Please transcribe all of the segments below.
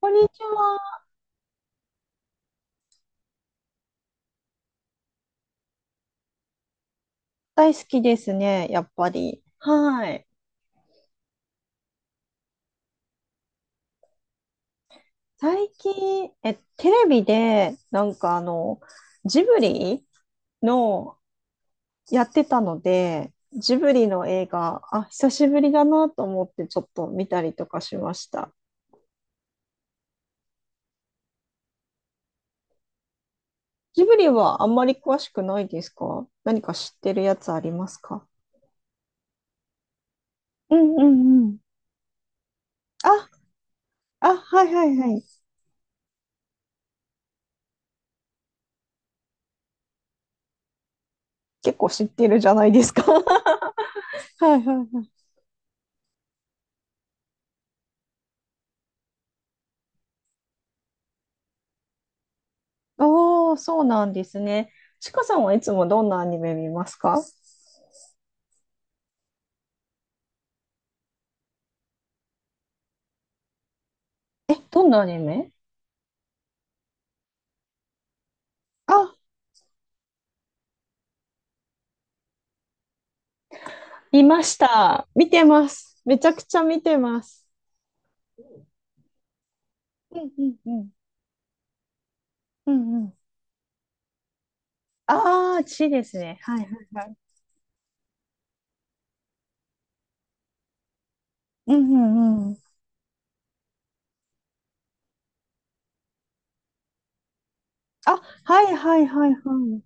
こんにちは。大好きですね、やっぱり。はい。最近、テレビで、なんかジブリのやってたので、ジブリの映画、あ、久しぶりだなと思ってちょっと見たりとかしました。ジブリはあんまり詳しくないですか？何か知ってるやつありますか？うんうんうん。あ、あ、はいはいはい。結構知ってるじゃないですか。はいはいはい。おー、そうなんですね。ちかさんはいつもどんなアニメ見ますか？え、どんなアニメ？あ、見ました。見てます。めちゃくちゃ見てます。うんうんうん。うんうん。ああ、ちですね。はいはいはい。うんうんうん。あ、はいはいはいはい。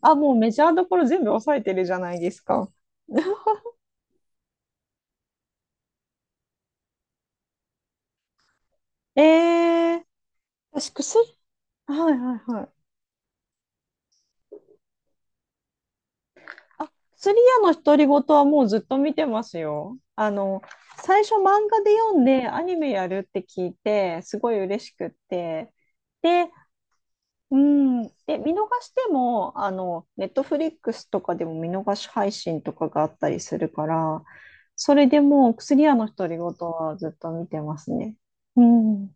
あ、もうメジャーどころ全部抑えてるじゃないですか。えー、私、薬はいはいはい。あ、薬屋の独り言はもうずっと見てますよ。最初漫画で読んでアニメやるって聞いて、すごい嬉しくって。で、うん。で、見逃しても、ネットフリックスとかでも見逃し配信とかがあったりするから、それでもう、ク屋の独り言はずっと見てますね。うん。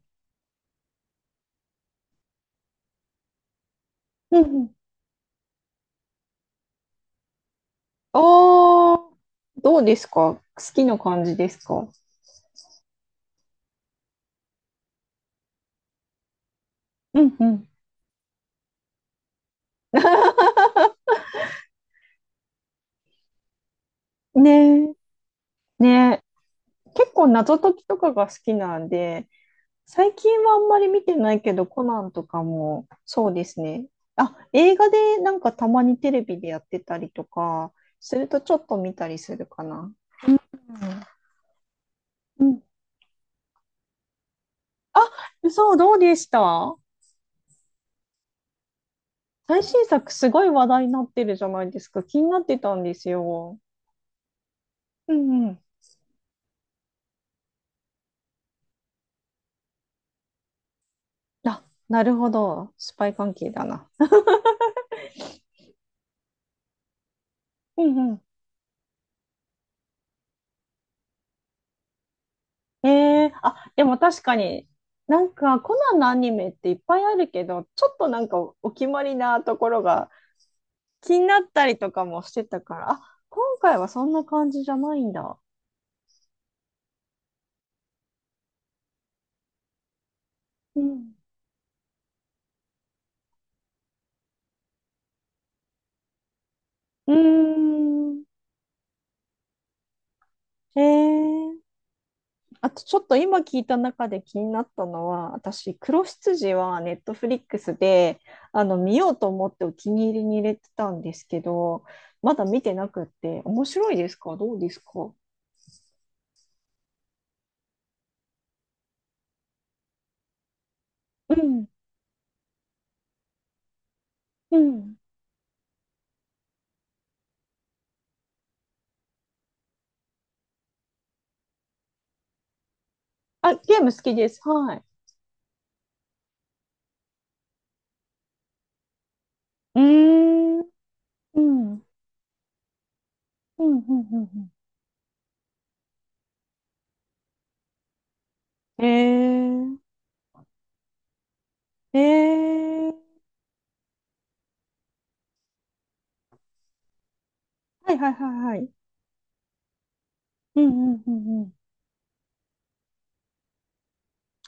うん。おー、どうですか？好きな感じですか？うんうん。ねえ、ね、結構謎解きとかが好きなんで、最近はあんまり見てないけど、コナンとかもそうですね。あ、映画でなんかたまにテレビでやってたりとか、するとちょっと見たりするかな。うんうん。そう、どうでした？最新作すごい話題になってるじゃないですか。気になってたんですよ。うんうん。あ、なるほど。スパイ関係だな。うんうん。ええ、あ、でも確かに、なんかコナンのアニメっていっぱいあるけど、ちょっとなんかお決まりなところが気になったりとかもしてたから、あ、今回はそんな感じじゃないんだ。うん。うーん。ええ、あとちょっと今聞いた中で気になったのは、私、黒羊はネットフリックスで、見ようと思ってお気に入りに入れてたんですけど、まだ見てなくって、面白いですか？どうですか？うん。うん。あ、ゲーム好きです。はい。うーん。うん。うん。うん。うんうん、えー、えー、はいはいはいはい。うん。うん。うんうん、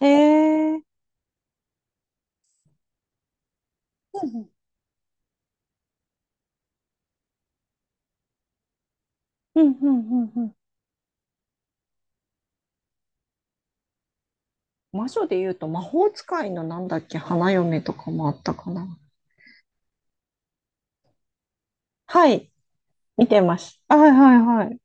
えー、うん。うん。うん。うんうん。魔女で言うと魔法使いのなんだっけ、花嫁とかもあったかな。はい、見てます。あ、はいはいはい。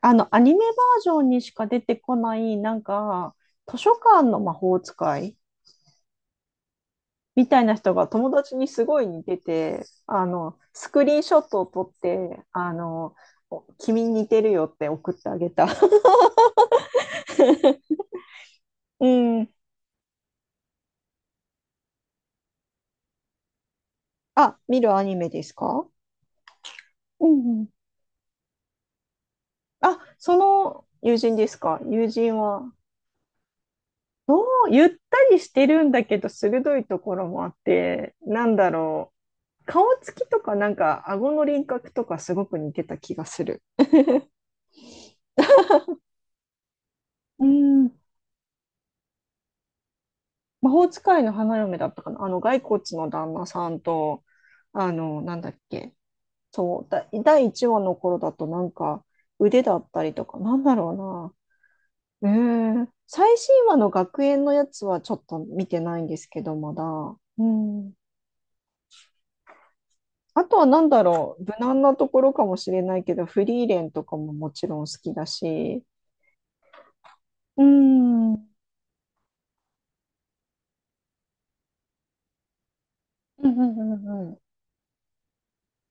アニメバージョンにしか出てこない、なんか、図書館の魔法使いみたいな人が友達にすごい似てて、スクリーンショットを撮って、君に似てるよって送ってあげた。うん。あ、見るアニメですか？うんうん。あ、その友人ですか？友人は、もうゆったりしてるんだけど、鋭いところもあって、なんだろう。顔つきとか、なんか、顎の輪郭とかすごく似てた気がする。魔法使いの花嫁だったかな。骸骨の旦那さんと、なんだっけ。そう、だ、第1話の頃だとなんか腕だったりとか、なんだろうな。ええ、最新話の学園のやつはちょっと見てないんですけど、まだ。うん。あとはなんだろう。無難なところかもしれないけど、フリーレンとかももちろん好きだし。うん。うんうんうんうん、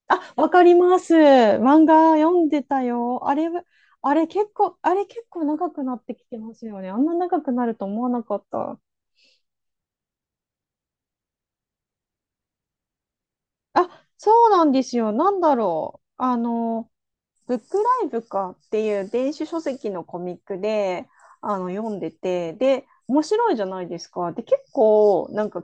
あ、わかります。漫画読んでたよ。あれ、あれ結構、あれ結構長くなってきてますよね。あんな長くなると思わなかった。あ、そうなんですよ。なんだろう。ブックライブかっていう電子書籍のコミックで、読んでて、で、面白いじゃないですか。で、結構、なんか、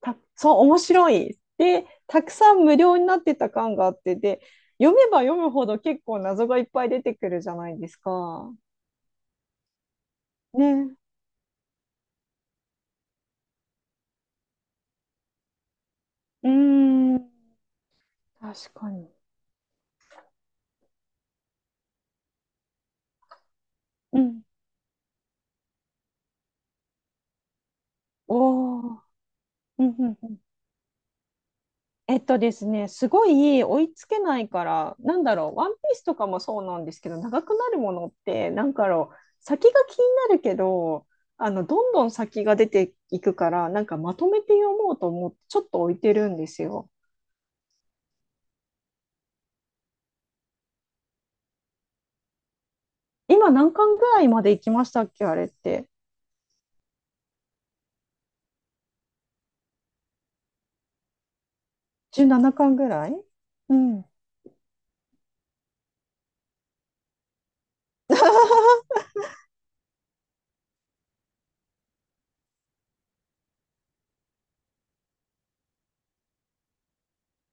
そう、面白い。で、たくさん無料になってた感があって、で、読めば読むほど結構謎がいっぱい出てくるじゃないですか。ね。うーん、確かに。うん、おー。うん、うん、うん。えっとですね、すごい追いつけないから、なんだろう、ワンピースとかもそうなんですけど、長くなるものって、なんかろう、先が気になるけど、どんどん先が出ていくから、なんかまとめて読もうと思って、ちょっと置いてるんですよ。今何巻ぐらいまで行きましたっけ、あれって。17巻ぐらい。うん。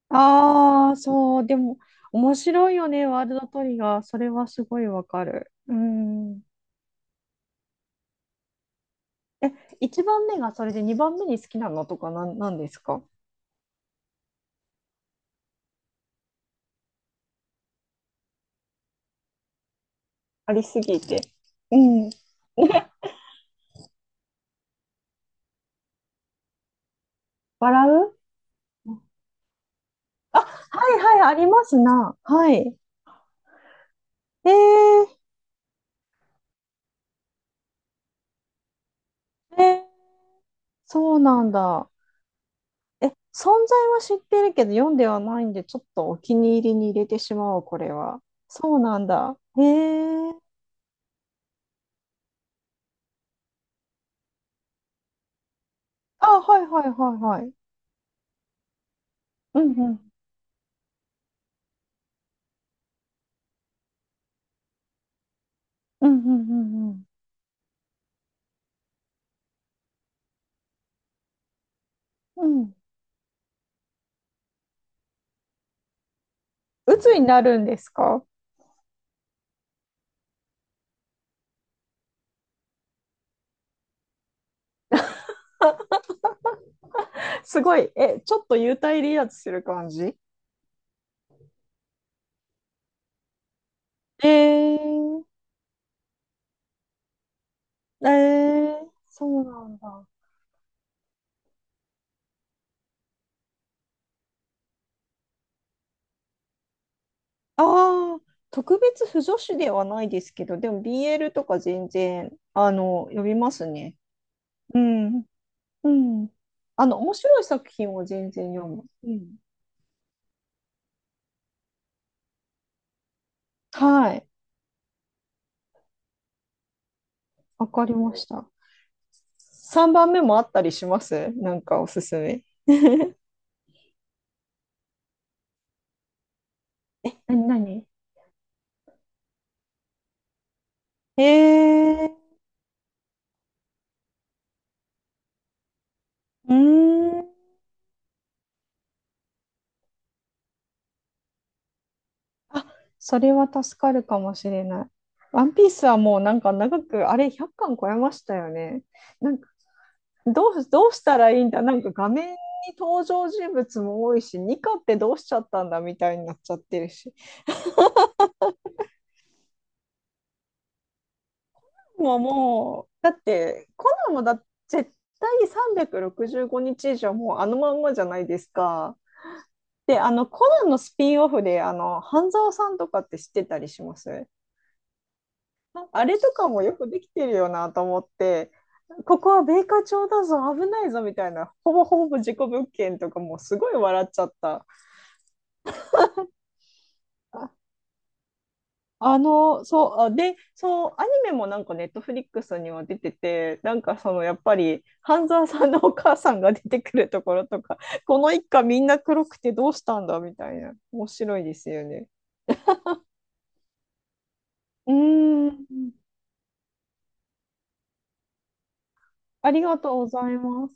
ああ、そう、でも、面白いよね、ワールドトリガー。それはすごいわかる。うん。え、1番目がそれで2番目に好きなのとかなん、ですか？ありすぎて。うん。笑う、あ、はいはい、ありますな。はい。えー、えー、そうなんだ。え、存在は知ってるけど読んではないんで、ちょっとお気に入りに入れてしまおう、これは。そうなんだ。えー、あ、はいはいはいはい。うんうん。うんうんうんうん。うん。鬱になるんですか？ すごい、え、ちょっと幽体離脱する感じ？えー、えー、そうなんだ。ああ、特別不女子ではないですけど、でも BL とか全然、読みますね。うん。うん。面白い作品を全然読む。うん。はい。わかりました。3番目もあったりします？なんかおすすめ。なに？えー、うーん。あ、それは助かるかもしれない。ワンピースはもうなんか長く、あれ100巻超えましたよね。なんかどうしたらいいんだ、なんか画面に登場人物も多いし、ニカってどうしちゃったんだみたいになっちゃってるし。もうもう、だってコナンもだ、絶対365日以上もうあのまんまじゃないですか。で、あのコナンのスピンオフで、半沢さんとかって知ってたりします？あれとかもよくできてるよなと思って、ここは米花町だぞ、危ないぞみたいな、ほぼほぼ事故物件とかもすごい笑っちゃった。ああの、そう、あで、そう、アニメもなんかネットフリックスには出てて、なんかそのやっぱり、半沢さんのお母さんが出てくるところとか、この一家みんな黒くてどうしたんだみたいな、面白いですよね。うーん、ありがとうございます。